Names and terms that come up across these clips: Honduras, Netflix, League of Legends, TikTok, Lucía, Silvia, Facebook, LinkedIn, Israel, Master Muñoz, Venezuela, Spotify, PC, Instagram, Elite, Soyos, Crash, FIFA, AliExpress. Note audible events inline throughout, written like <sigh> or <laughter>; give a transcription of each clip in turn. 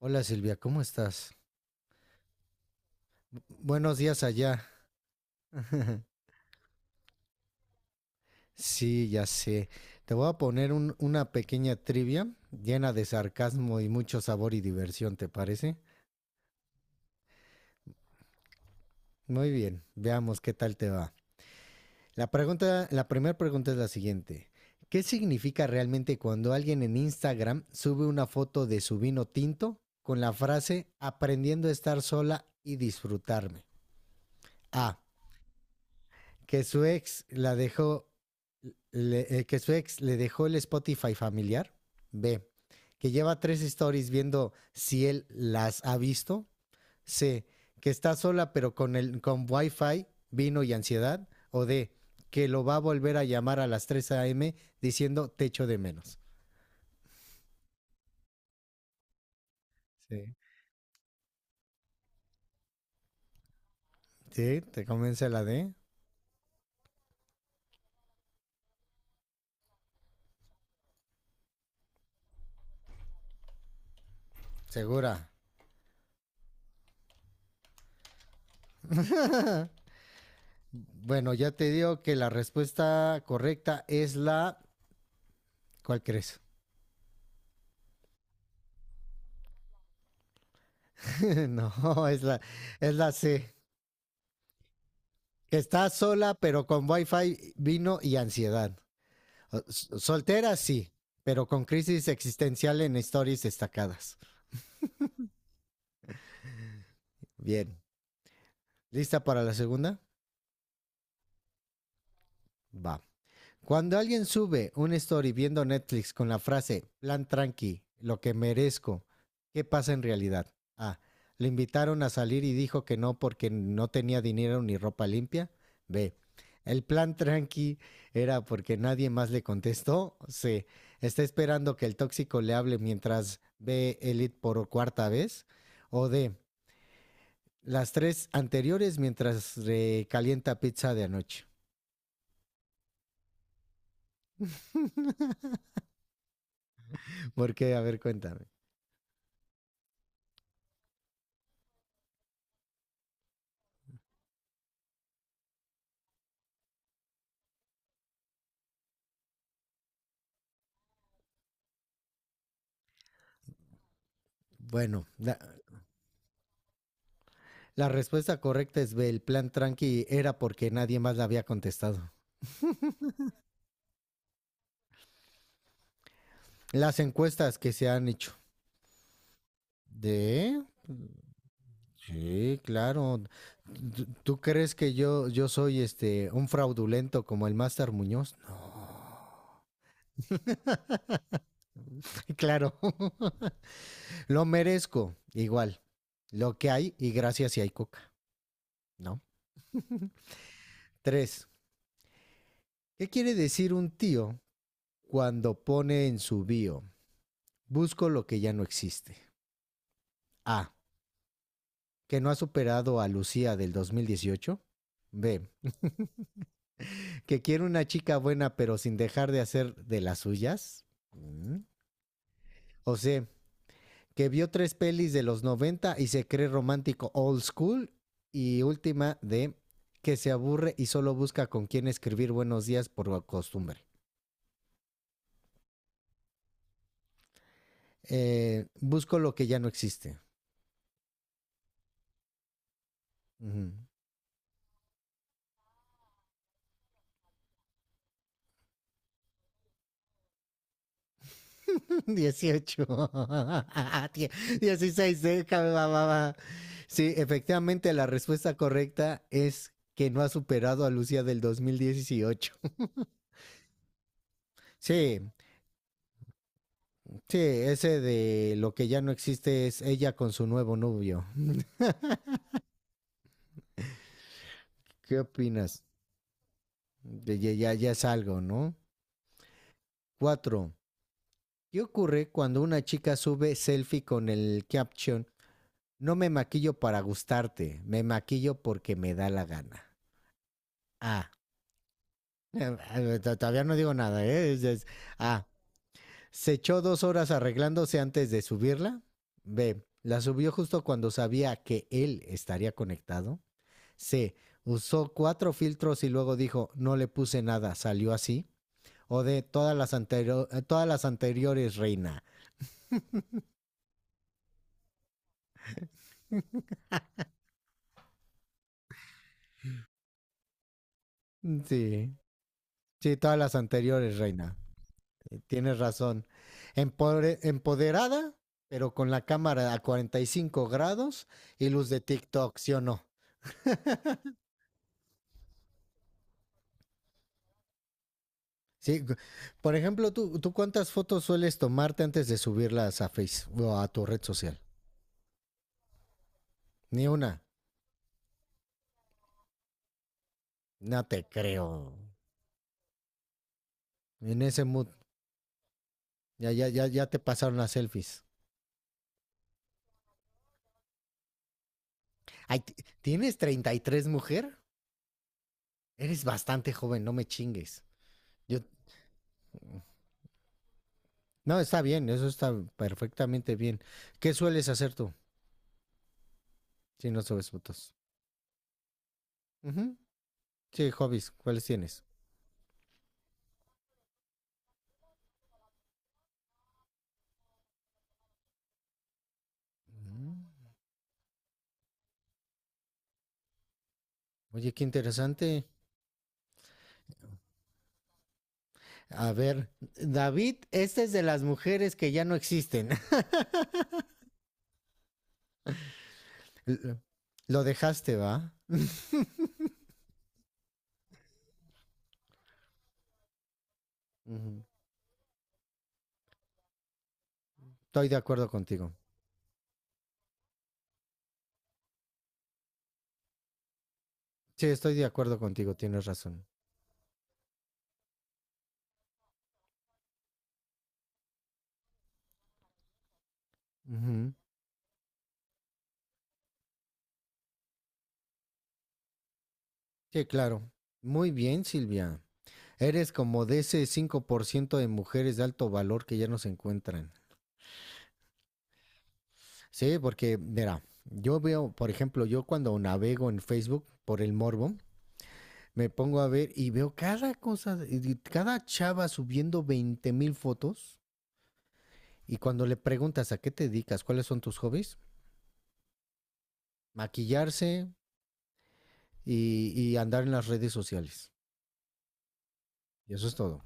Hola Silvia, ¿cómo estás? Buenos días allá. Sí, ya sé. Te voy a poner una pequeña trivia llena de sarcasmo y mucho sabor y diversión, ¿te parece? Muy bien, veamos qué tal te va. La primera pregunta es la siguiente. ¿Qué significa realmente cuando alguien en Instagram sube una foto de su vino tinto con la frase aprendiendo a estar sola y disfrutarme? A. Que su ex la dejó, que su ex le dejó el Spotify familiar. B, que lleva tres stories viendo si él las ha visto. C, que está sola pero con Wi-Fi, vino y ansiedad. O D, que lo va a volver a llamar a las 3 a.m. diciendo te echo de menos. Sí. Sí, te convence la D. Segura. Ah. Bueno, ya te digo que la respuesta correcta es la. ¿Cuál crees? <laughs> No, es la C. Está sola, pero con wifi, vino y ansiedad. Soltera, sí, pero con crisis existencial en historias destacadas. Bien. ¿Lista para la segunda? Va. Cuando alguien sube un story viendo Netflix con la frase plan tranqui, lo que merezco, ¿qué pasa en realidad? A. Le invitaron a salir y dijo que no porque no tenía dinero ni ropa limpia. B. El plan tranqui era porque nadie más le contestó. C. Está esperando que el tóxico le hable mientras ve Elite por cuarta vez. O D. Las tres anteriores mientras recalienta pizza de anoche. ¿Por qué? A ver, cuéntame. Bueno, la- La respuesta correcta es B. El plan tranqui era porque nadie más la había contestado. Las encuestas que se han hecho. ¿De? Sí, claro. ¿Tú- ¿Tú crees que yo soy un fraudulento como el Master Muñoz? No. Claro. <laughs> Lo merezco. Igual. Lo que hay y gracias si hay coca. ¿No? Tres. ¿Qué quiere decir un tío cuando pone en su bio? Busco lo que ya no existe. A. Que no ha superado a Lucía del 2018. B, que quiere una chica buena pero sin dejar de hacer de las suyas. Mm. O C, que vio tres pelis de los 90 y se cree romántico old school. Y última, D, que se aburre y solo busca con quién escribir buenos días por costumbre. Busco lo que ya no existe. Ujú. Dieciocho <laughs> dieciséis, déjame, mamá. Sí, efectivamente la respuesta correcta es que no ha superado a Lucía del dos mil dieciocho. <laughs> Sí, sí, ese de lo que ya no existe es ella con su nuevo novio. ¿Qué opinas? Ya, ya, es algo, ¿no? Cuatro. ¿Qué ocurre cuando una chica sube selfie con el caption? No me maquillo para gustarte, me maquillo porque me da la gana. A. Todavía no digo nada, ¿eh? A. Se echó 2 horas arreglándose antes de subirla. B. La subió justo cuando sabía que él estaría conectado. C. Usó cuatro filtros y luego dijo, no le puse nada, salió así. O D. Todas las anteriores, reina. Sí, sí, todas las anteriores, reina. Tienes razón. Empoderada, pero con la cámara a 45 grados y luz de TikTok, ¿sí o no? Sí, por ejemplo, ¿tú cuántas fotos sueles tomarte antes de subirlas a Facebook o a tu red social? Ni una. No te creo. En ese mood. Ya, ya, ya, ya te pasaron las selfies. Ay, ¿tienes 33, mujer? Eres bastante joven, no me chingues. Yo, no, está bien, eso está perfectamente bien. ¿Qué sueles hacer tú si no subes fotos? Ujú. Sí, hobbies, ¿cuáles tienes? Mm. Oye, qué interesante. A ver, David, esta es de las mujeres que ya no existen. <laughs> Lo dejaste, ¿va? Ujú. Estoy de acuerdo contigo. Sí, estoy de acuerdo contigo, tienes razón. Ujú. Sí, claro. Muy bien, Silvia. Eres como de ese 5% de mujeres de alto valor que ya no se encuentran. Sí, porque, mira, yo veo, por ejemplo, yo cuando navego en Facebook por el morbo, me pongo a ver y veo cada cosa, cada chava subiendo 20.000 fotos. Y cuando le preguntas a qué te dedicas, cuáles son tus hobbies, maquillarse y andar en las redes sociales. Y eso es todo.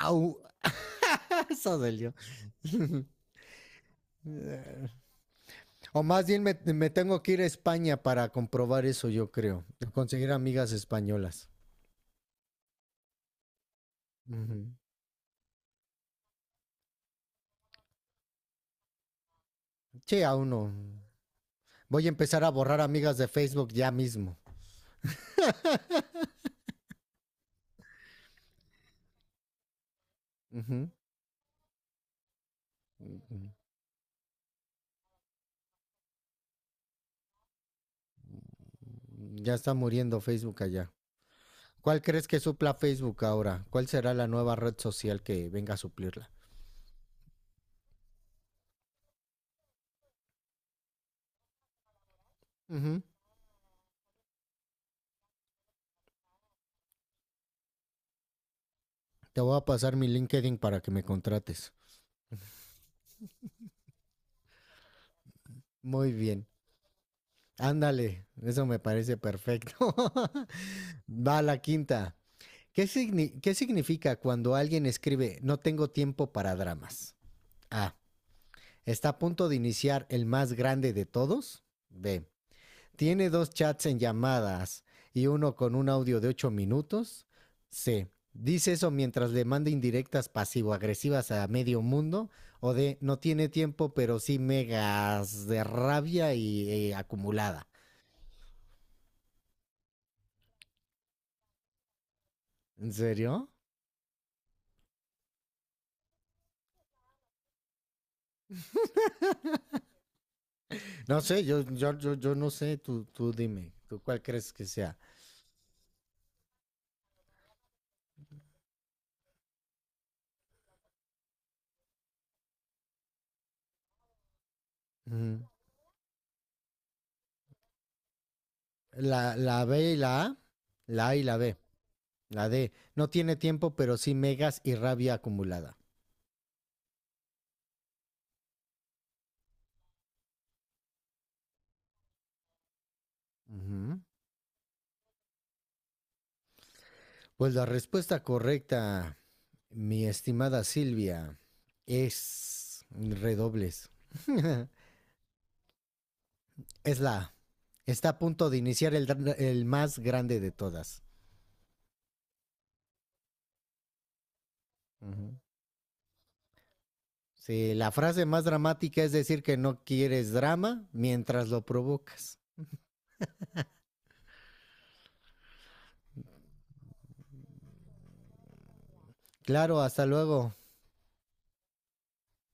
¡Au! Eso dolió. <laughs> O más bien me tengo que ir a España para comprobar eso, yo creo. Conseguir amigas españolas. Ujú. Che, aún no. Voy a empezar a borrar amigas de Facebook ya mismo. Ujú. Ya está muriendo Facebook allá. ¿Cuál crees que supla Facebook ahora? ¿Cuál será la nueva red social que venga a suplirla? Ujú. Te voy a pasar mi LinkedIn para que me contrates. Muy bien. Ándale, eso me parece perfecto. <laughs> Va la quinta. ¿Qué, qué significa cuando alguien escribe no tengo tiempo para dramas? A. Está a punto de iniciar el más grande de todos. B. Tiene dos chats en llamadas y uno con un audio de 8 minutos. C. Dice eso mientras le manda indirectas pasivo-agresivas a medio mundo. O D. No tiene tiempo, pero sí megas de rabia y acumulada. ¿En serio? No sé, yo no sé. Tú dime, ¿tú cuál crees que sea? La B y la A. La A y la B. La D. No tiene tiempo, pero sí megas y rabia acumulada. Ujú. Pues la respuesta correcta, mi estimada Silvia, es redobles. <laughs> Es la A. Está a punto de iniciar el más grande de todas. Uh-huh. Sí, la frase más dramática es decir que no quieres drama mientras lo provocas. Claro, hasta luego.